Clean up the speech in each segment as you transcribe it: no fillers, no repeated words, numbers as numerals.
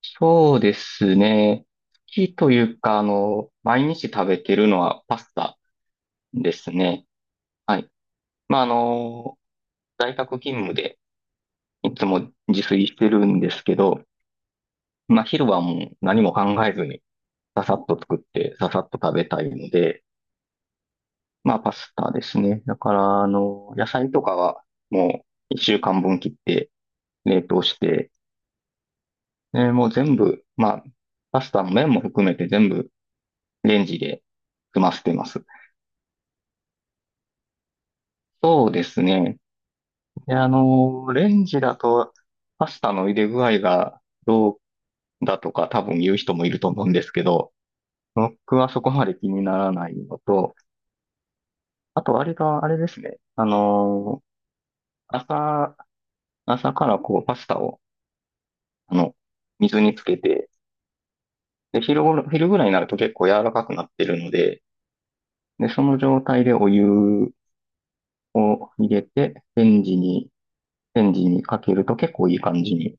そうですね。好きというか、毎日食べてるのはパスタですね。はい。まあ、あの、在宅勤務でいつも自炊してるんですけど、昼はもう何も考えずに、ささっと作って、ささっと食べたいので、パスタですね。だから、野菜とかはもう一週間分切って冷凍して、で、もう全部、パスタの麺も含めて全部レンジで済ませてます。そうですね。で、レンジだと、パスタの茹で具合がどうだとか多分言う人もいると思うんですけど、僕はそこまで気にならないのと、あとあれが、あれですね。朝、朝からこうパスタを、あの、水につけて、で、昼ごろ、昼ぐらいになると結構柔らかくなってるので、で、その状態でお湯を入れて、レンジにかけると結構いい感じに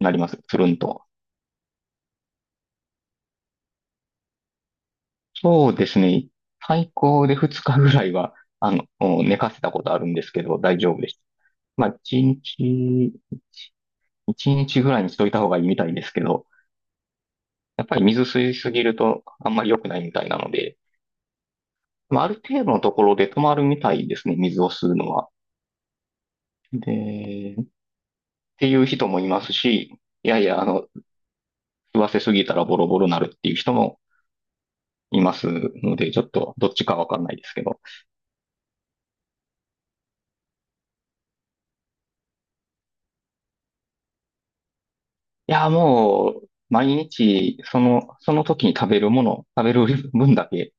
なります。つるんと。そうですね。最高で2日ぐらいは、寝かせたことあるんですけど、大丈夫です。まあ、1日、1日ぐらいにしといた方がいいみたいですけど、やっぱり水吸いすぎるとあんまり良くないみたいなので、ある程度のところで止まるみたいですね、水を吸うのは。で、っていう人もいますし、いやいや、吸わせすぎたらボロボロなるっていう人もいますので、ちょっとどっちかわかんないですけど。いや、もう、毎日、その時に食べるもの、食べる分だけ、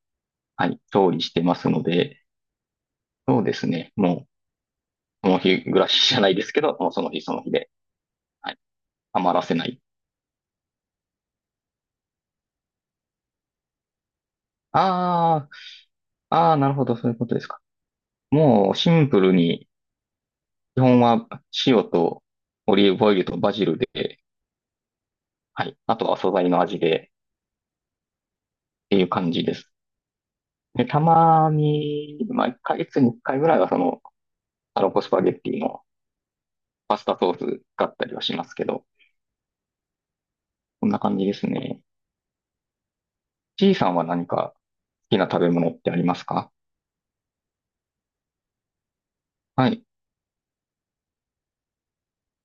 はい、調理してますので、そうですね。もう、その日暮らしじゃないですけど、もうその日その日で、はい、余らせない。ああ、ああ、なるほど、そういうことですか。もう、シンプルに、基本は塩とオリーブオイルとバジルで、はい、あとは素材の味で、っていう感じです。で、たまに、1ヶ月に1回ぐらいは、タロコスパゲッティの、パスタソース使ったりはしますけど、こんな感じですね。C さんは何か好きな食べ物ってありますか？はい、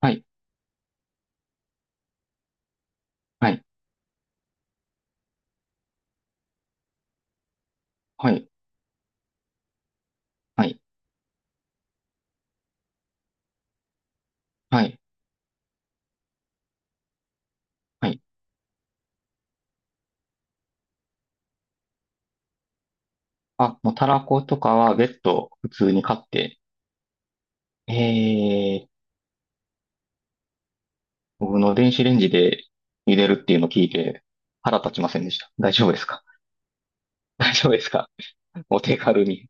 はい、はい、はい、はい、はい、はい。あ、もうたらことかは別途普通に買って、えー、僕の電子レンジで茹でるっていうのを聞いて腹立ちませんでした。大丈夫ですか？ 大丈夫ですか？お手軽に。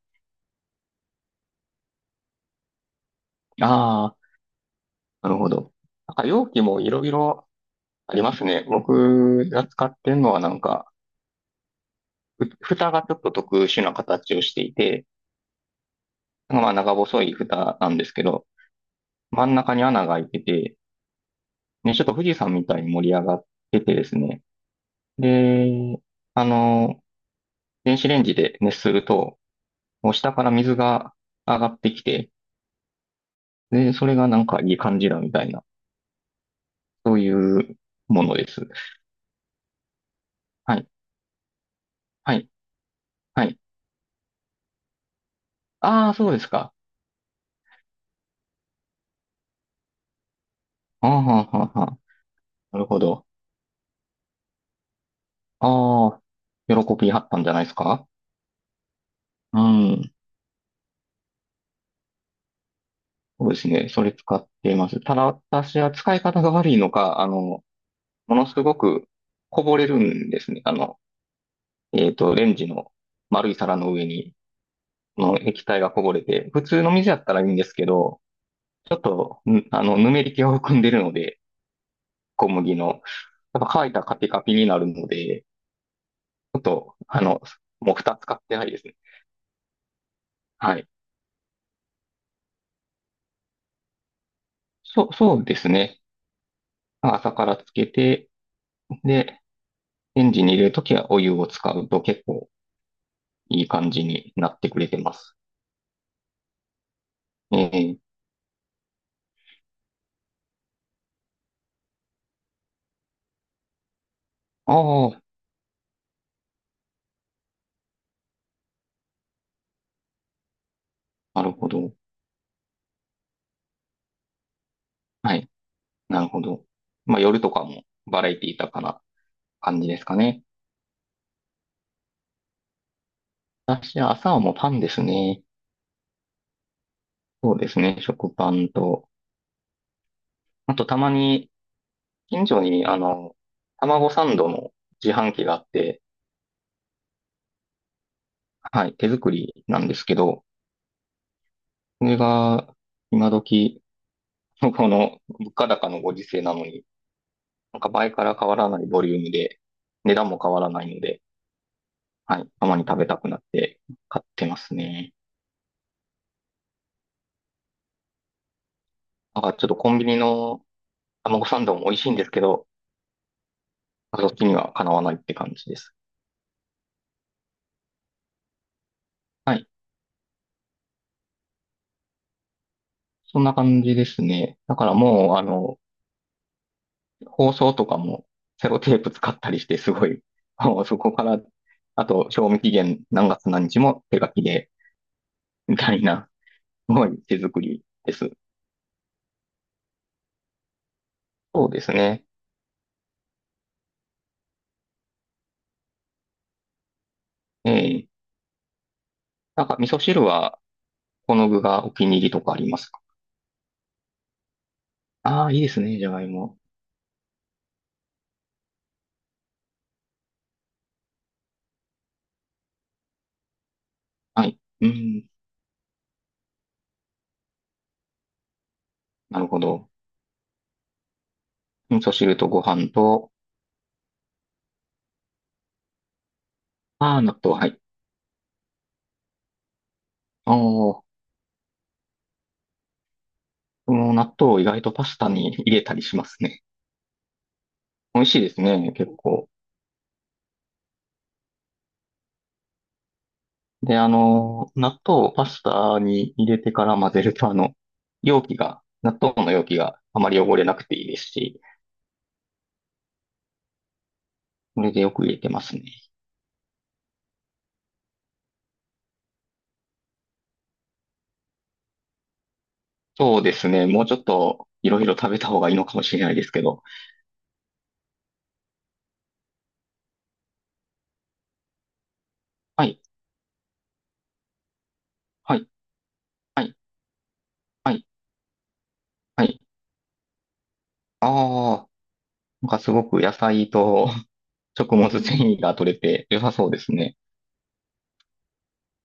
ああ、なるほど。なんか容器もいろいろありますね。僕が使ってるのはなんか、蓋がちょっと特殊な形をしていて、長細い蓋なんですけど、真ん中に穴が開いてて、ね、ちょっと富士山みたいに盛り上がっててですね。で、あの、電子レンジで熱すると、もう下から水が上がってきて、で、それがなんかいい感じだみたいな、そういうものです。はい、はい、はい。ああ、そうですか。ああ、はんはんはん。なるほど。ああ、喜びはったんじゃないですか？うん。そうですね。それ使っています。ただ私は使い方が悪いのか、ものすごくこぼれるんですね。レンジの丸い皿の上に、の液体がこぼれて、普通の水やったらいいんですけど、ちょっと、ぬめり気を含んでるので、小麦の。やっぱ乾いたらカピカピになるので、ちょっと、もう蓋使ってないですね。はい。そうですね。朝からつけて、で、レンジに入れるときはお湯を使うと結構いい感じになってくれてます。ええ。ああ、なるほど。はい。なるほど。夜とかもバラエティ豊かな感じですかね。私は朝はもうパンですね。そうですね。食パンと。あと、たまに、近所に、卵サンドの自販機があって、はい、手作りなんですけど、それが、今時、この物価高のご時世なのに、なんか倍から変わらないボリュームで、値段も変わらないので、はい。たまに食べたくなって買ってますね。なんかちょっとコンビニの卵サンドも美味しいんですけど、そっちにはかなわないって感じです。はい。そんな感じですね。だからもう、包装とかもセロテープ使ったりして、すごい、そこから、あと、賞味期限何月何日も手書きで、みたいな、すごい手作りです。そうですね。ええ。なんか味噌汁は、この具がお気に入りとかありますか？ああー、いいですね、じゃがいも。はい。うん。なるほど。味噌汁とご飯と、ああ、納豆、はい。ああ、この納豆を意外とパスタに入れたりしますね。美味しいですね、結構。で、納豆をパスタに入れてから混ぜると、容器が、納豆の容器があまり汚れなくていいですし、これでよく入れてますね。そうですね、もうちょっといろいろ食べた方がいいのかもしれないですけど。はい、はい、はい、はい、はい。ああ、なんかすごく野菜と 食物繊維が取れて良さそうですね。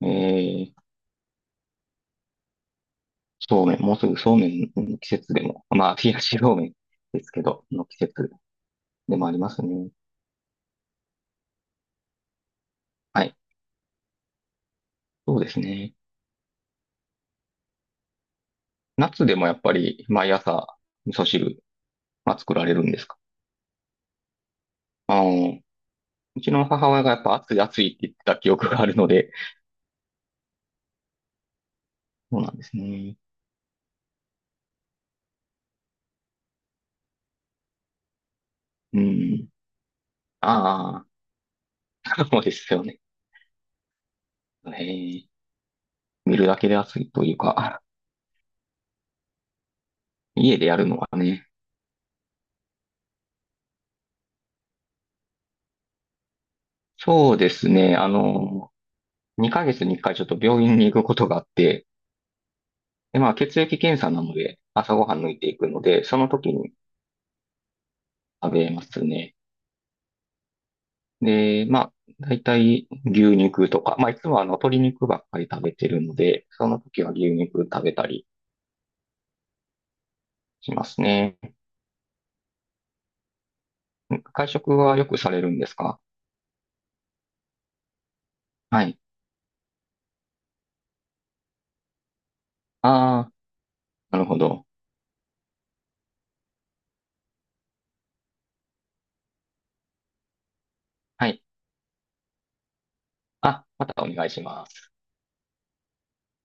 えー、そうめん、もうすぐそうめんの季節でも、冷やしそうめんですけど、の季節でもありますね。はい。そうですね。夏でもやっぱり毎朝味噌汁は作られるんですか？あの、うちの母親がやっぱ暑い暑いって言ってた記憶があるので、そうなんですね。うん。ああ、そうですよね。へえ、見るだけで暑いというか、家でやるのはね。そうですね。2ヶ月に1回ちょっと病院に行くことがあって、で、血液検査なので、朝ごはん抜いていくので、その時に食べますね。で、大体牛肉とか、いつも鶏肉ばっかり食べてるので、その時は牛肉食べたりしますね。会食はよくされるんですか？はい。ああ、なるほど。はい。あ、またお願いします。